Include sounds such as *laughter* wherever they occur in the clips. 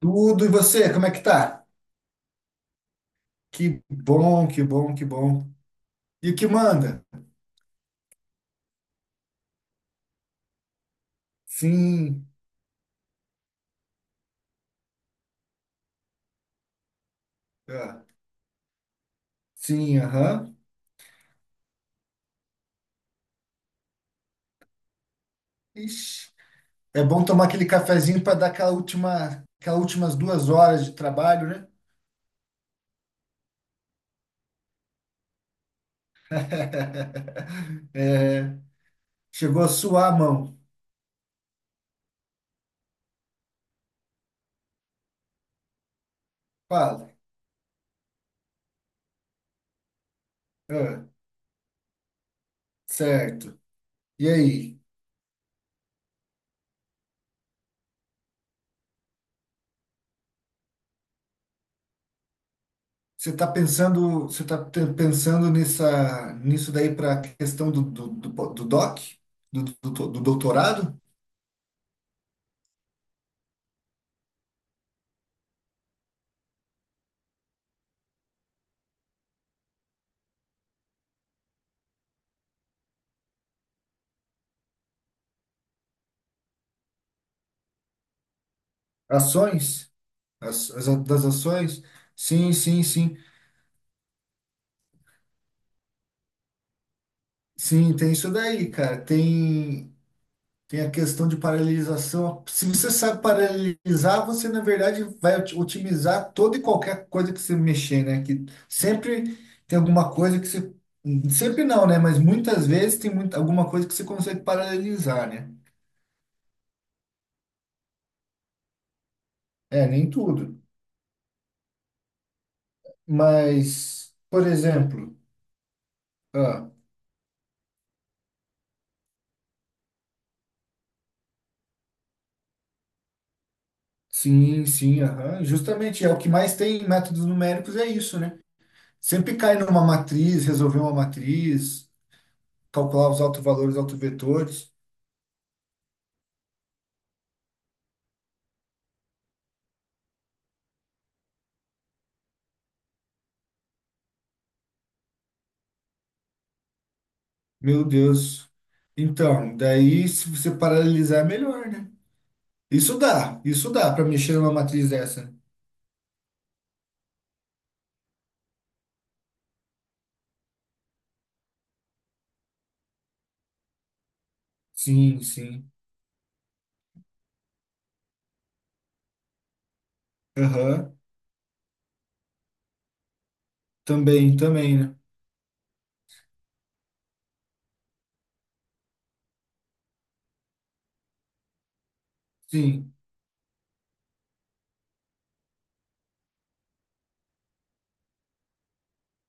Tudo, e você, como é que tá? Que bom, que bom, que bom. E o que manda? Sim, ah, sim, aham. Ixi, é bom tomar aquele cafezinho para dar aquela última, aquelas últimas 2 horas de trabalho, né? *laughs* É, chegou a suar a mão. Fala. Ah, certo. E aí? Você tá pensando, pensando nisso daí para a questão do doc? Do, do doutorado? Ações? Das ações? Sim, sim, sim. Sim, tem isso daí, cara. Tem a questão de paralisação. Se você sabe paralisar, você, na verdade, vai otimizar toda e qualquer coisa que você mexer, né? Que sempre tem alguma coisa que você. Sempre não, né? Mas muitas vezes tem alguma coisa que você consegue paralisar, né? É, nem tudo. Mas, por exemplo, ah, sim, sim, aham. Justamente, é o que mais tem em métodos numéricos é isso, né? Sempre cai numa matriz, resolver uma matriz, calcular os autovalores, autovetores. Meu Deus. Então, daí se você paralelizar é melhor, né? Isso dá para mexer numa matriz dessa. Sim, sim. Aham. Também, também, né? Sim.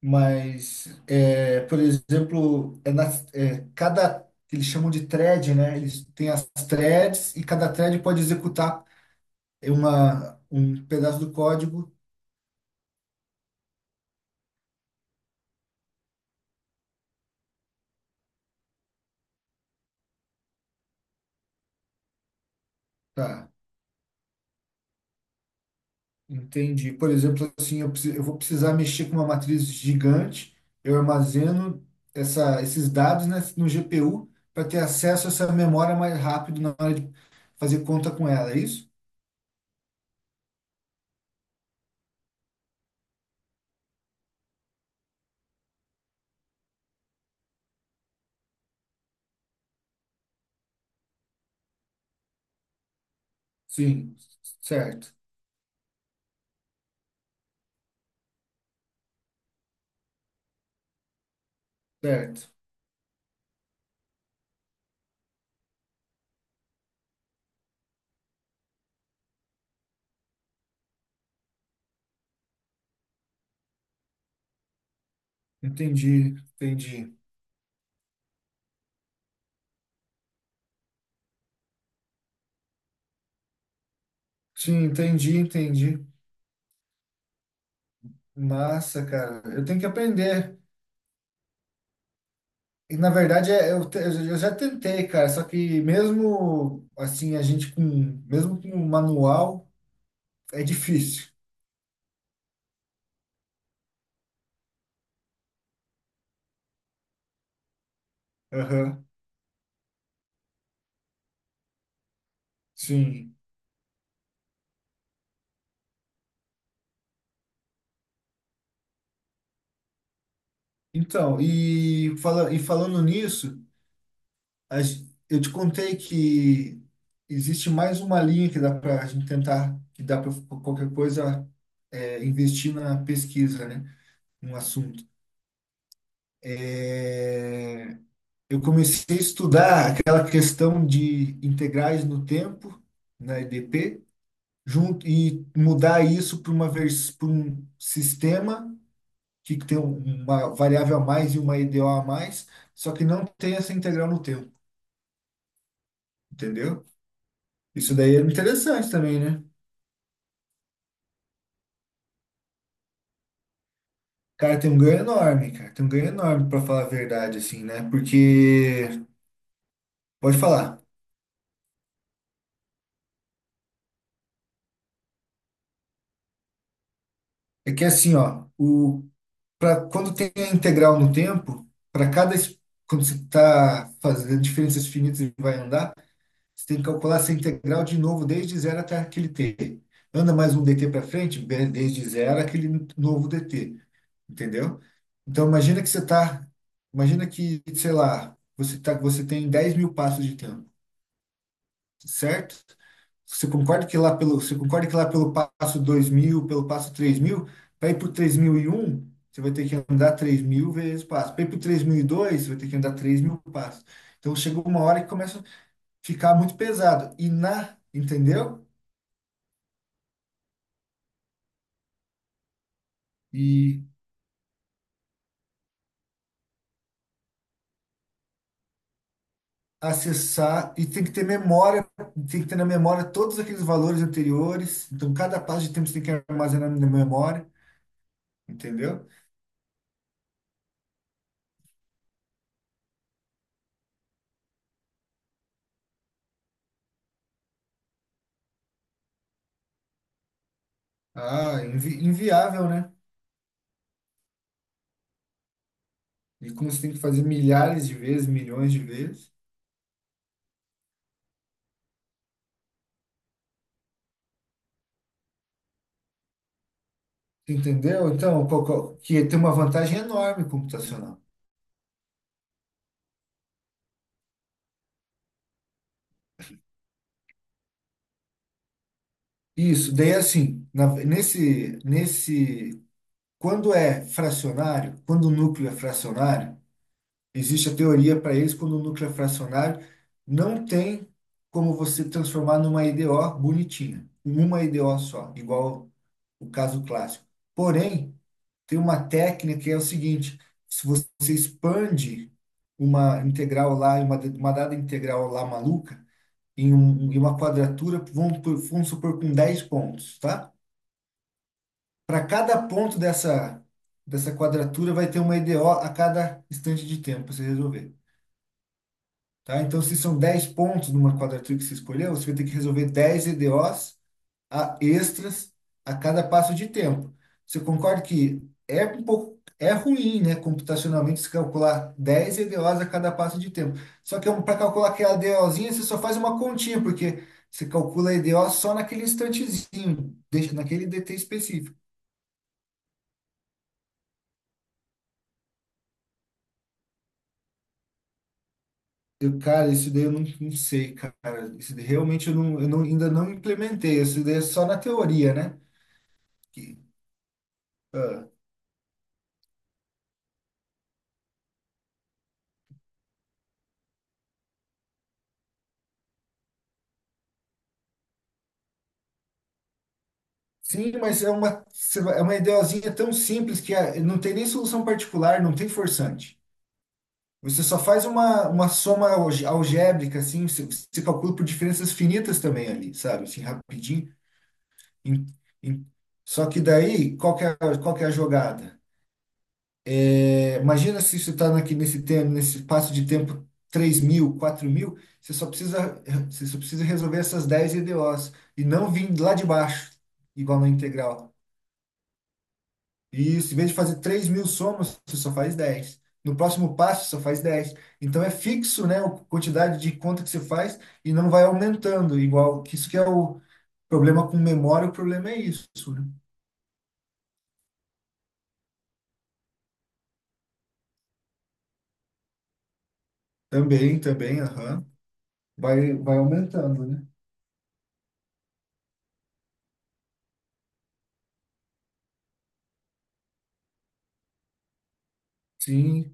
Mas, é, por exemplo, é na é, cada, eles chamam de thread, né? Eles têm as threads e cada thread pode executar uma, um pedaço do código. Tá, entendi. Por exemplo, assim, eu vou precisar mexer com uma matriz gigante, eu armazeno essa, esses dados, né, no GPU para ter acesso a essa memória mais rápido na hora de fazer conta com ela, é isso? Sim, certo, certo. Entendi, entendi. Sim, entendi, entendi. Massa, cara. Eu tenho que aprender. E, na verdade, eu já tentei, cara. Só que mesmo assim, mesmo com o manual, é difícil. Aham, sim. Então, e falando nisso, eu te contei que existe mais uma linha que dá para a gente tentar, que dá para qualquer coisa é, investir na pesquisa, né? Um assunto. É, eu comecei a estudar aquela questão de integrais no tempo, na EDP, junto, e mudar isso para para um sistema que tem uma variável a mais e uma EDO a mais, só que não tem essa integral no tempo, entendeu? Isso daí é interessante também, né? Cara, tem um ganho enorme, cara. Tem um ganho enorme, para falar a verdade, assim, né? Porque, pode falar, é que é assim, ó, o para quando tem a integral no tempo, para cada es- quando você está fazendo diferenças finitas e vai andar, você tem que calcular essa integral de novo desde zero até aquele t. Anda mais um dt para frente, desde zero aquele novo dt, entendeu? Então imagina que você está, imagina que, sei lá, você tem 10 mil passos de tempo, certo? Você concorda que lá pelo, você concorda que lá pelo passo 2 mil pelo passo 3 mil para ir para o 3.001 você vai ter que andar 3 mil vezes passo. Para ir para o 3.002 você vai ter que andar 3000 passos. Então chegou uma hora que começa a ficar muito pesado. E na, entendeu? E acessar, e tem que ter memória, tem que ter na memória todos aqueles valores anteriores. Então cada passo de tempo você tem que armazenar na memória, entendeu? Ah, inviável, né? E como você tem que fazer milhares de vezes, milhões de vezes. Entendeu? Então, que tem uma vantagem enorme computacional. Isso, daí assim, nesse, quando é fracionário, quando o núcleo é fracionário, existe a teoria para isso, quando o núcleo é fracionário, não tem como você transformar numa EDO bonitinha, uma EDO só, igual o caso clássico. Porém, tem uma técnica que é o seguinte: se você expande uma integral lá, uma dada integral lá maluca, em uma quadratura, vamos supor com 10 pontos, tá? Para cada ponto dessa, dessa quadratura vai ter uma EDO a cada instante de tempo para você resolver, tá? Então, se são 10 pontos numa quadratura que você escolheu, você vai ter que resolver 10 EDOs a extras a cada passo de tempo. Você concorda que é um pouco é ruim, né, computacionalmente, se calcular 10 EDOs a cada passo de tempo. Só que para calcular aquela EDOzinha, você só faz uma continha, porque você calcula a EDO só naquele instantezinho, deixa naquele DT específico. Eu, cara, isso daí eu não, não sei, cara. Isso daí realmente eu não- ainda não implementei. Isso daí é só na teoria, né? Que- ah, Sim, mas é uma ideozinha tão simples que não tem nem solução particular, não tem forçante. Você só faz uma soma algébrica, assim, você calcula por diferenças finitas também ali, sabe? Assim, rapidinho. Em- em- Só que daí, qual que é a jogada? É, imagina se você está aqui nesse tempo, nesse espaço de tempo 3 mil, 4 mil, você só precisa resolver essas 10 EDOs e não vir lá de baixo, igual na integral. Isso, em vez de fazer 3 mil somas, você só faz dez. No próximo passo, você só faz dez. Então é fixo, né, a quantidade de conta que você faz e não vai aumentando, igual que isso que é o problema com memória, o problema é isso, né? Também, também, aham. Vai aumentando, né? Sim,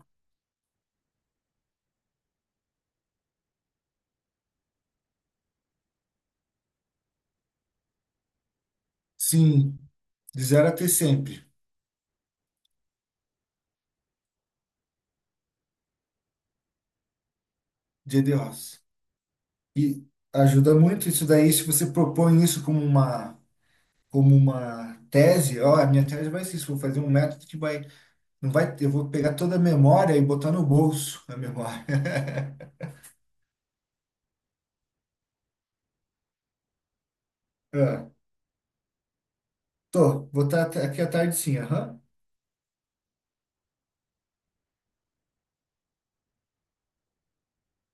sim. De zero até sempre, dia de ossos. E ajuda muito isso daí, se você propõe isso como uma tese, ó, a minha tese vai ser isso, vou fazer um método que vai. Não vai, eu vou pegar toda a memória e botar no bolso a memória. *laughs* Ah, tô, vou estar aqui à tarde sim, aham.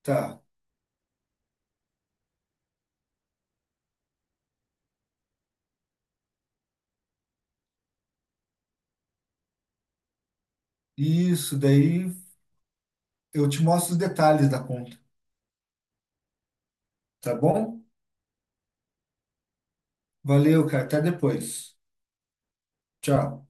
Tá. Isso, daí eu te mostro os detalhes da conta, tá bom? Valeu, cara, até depois. Tchau.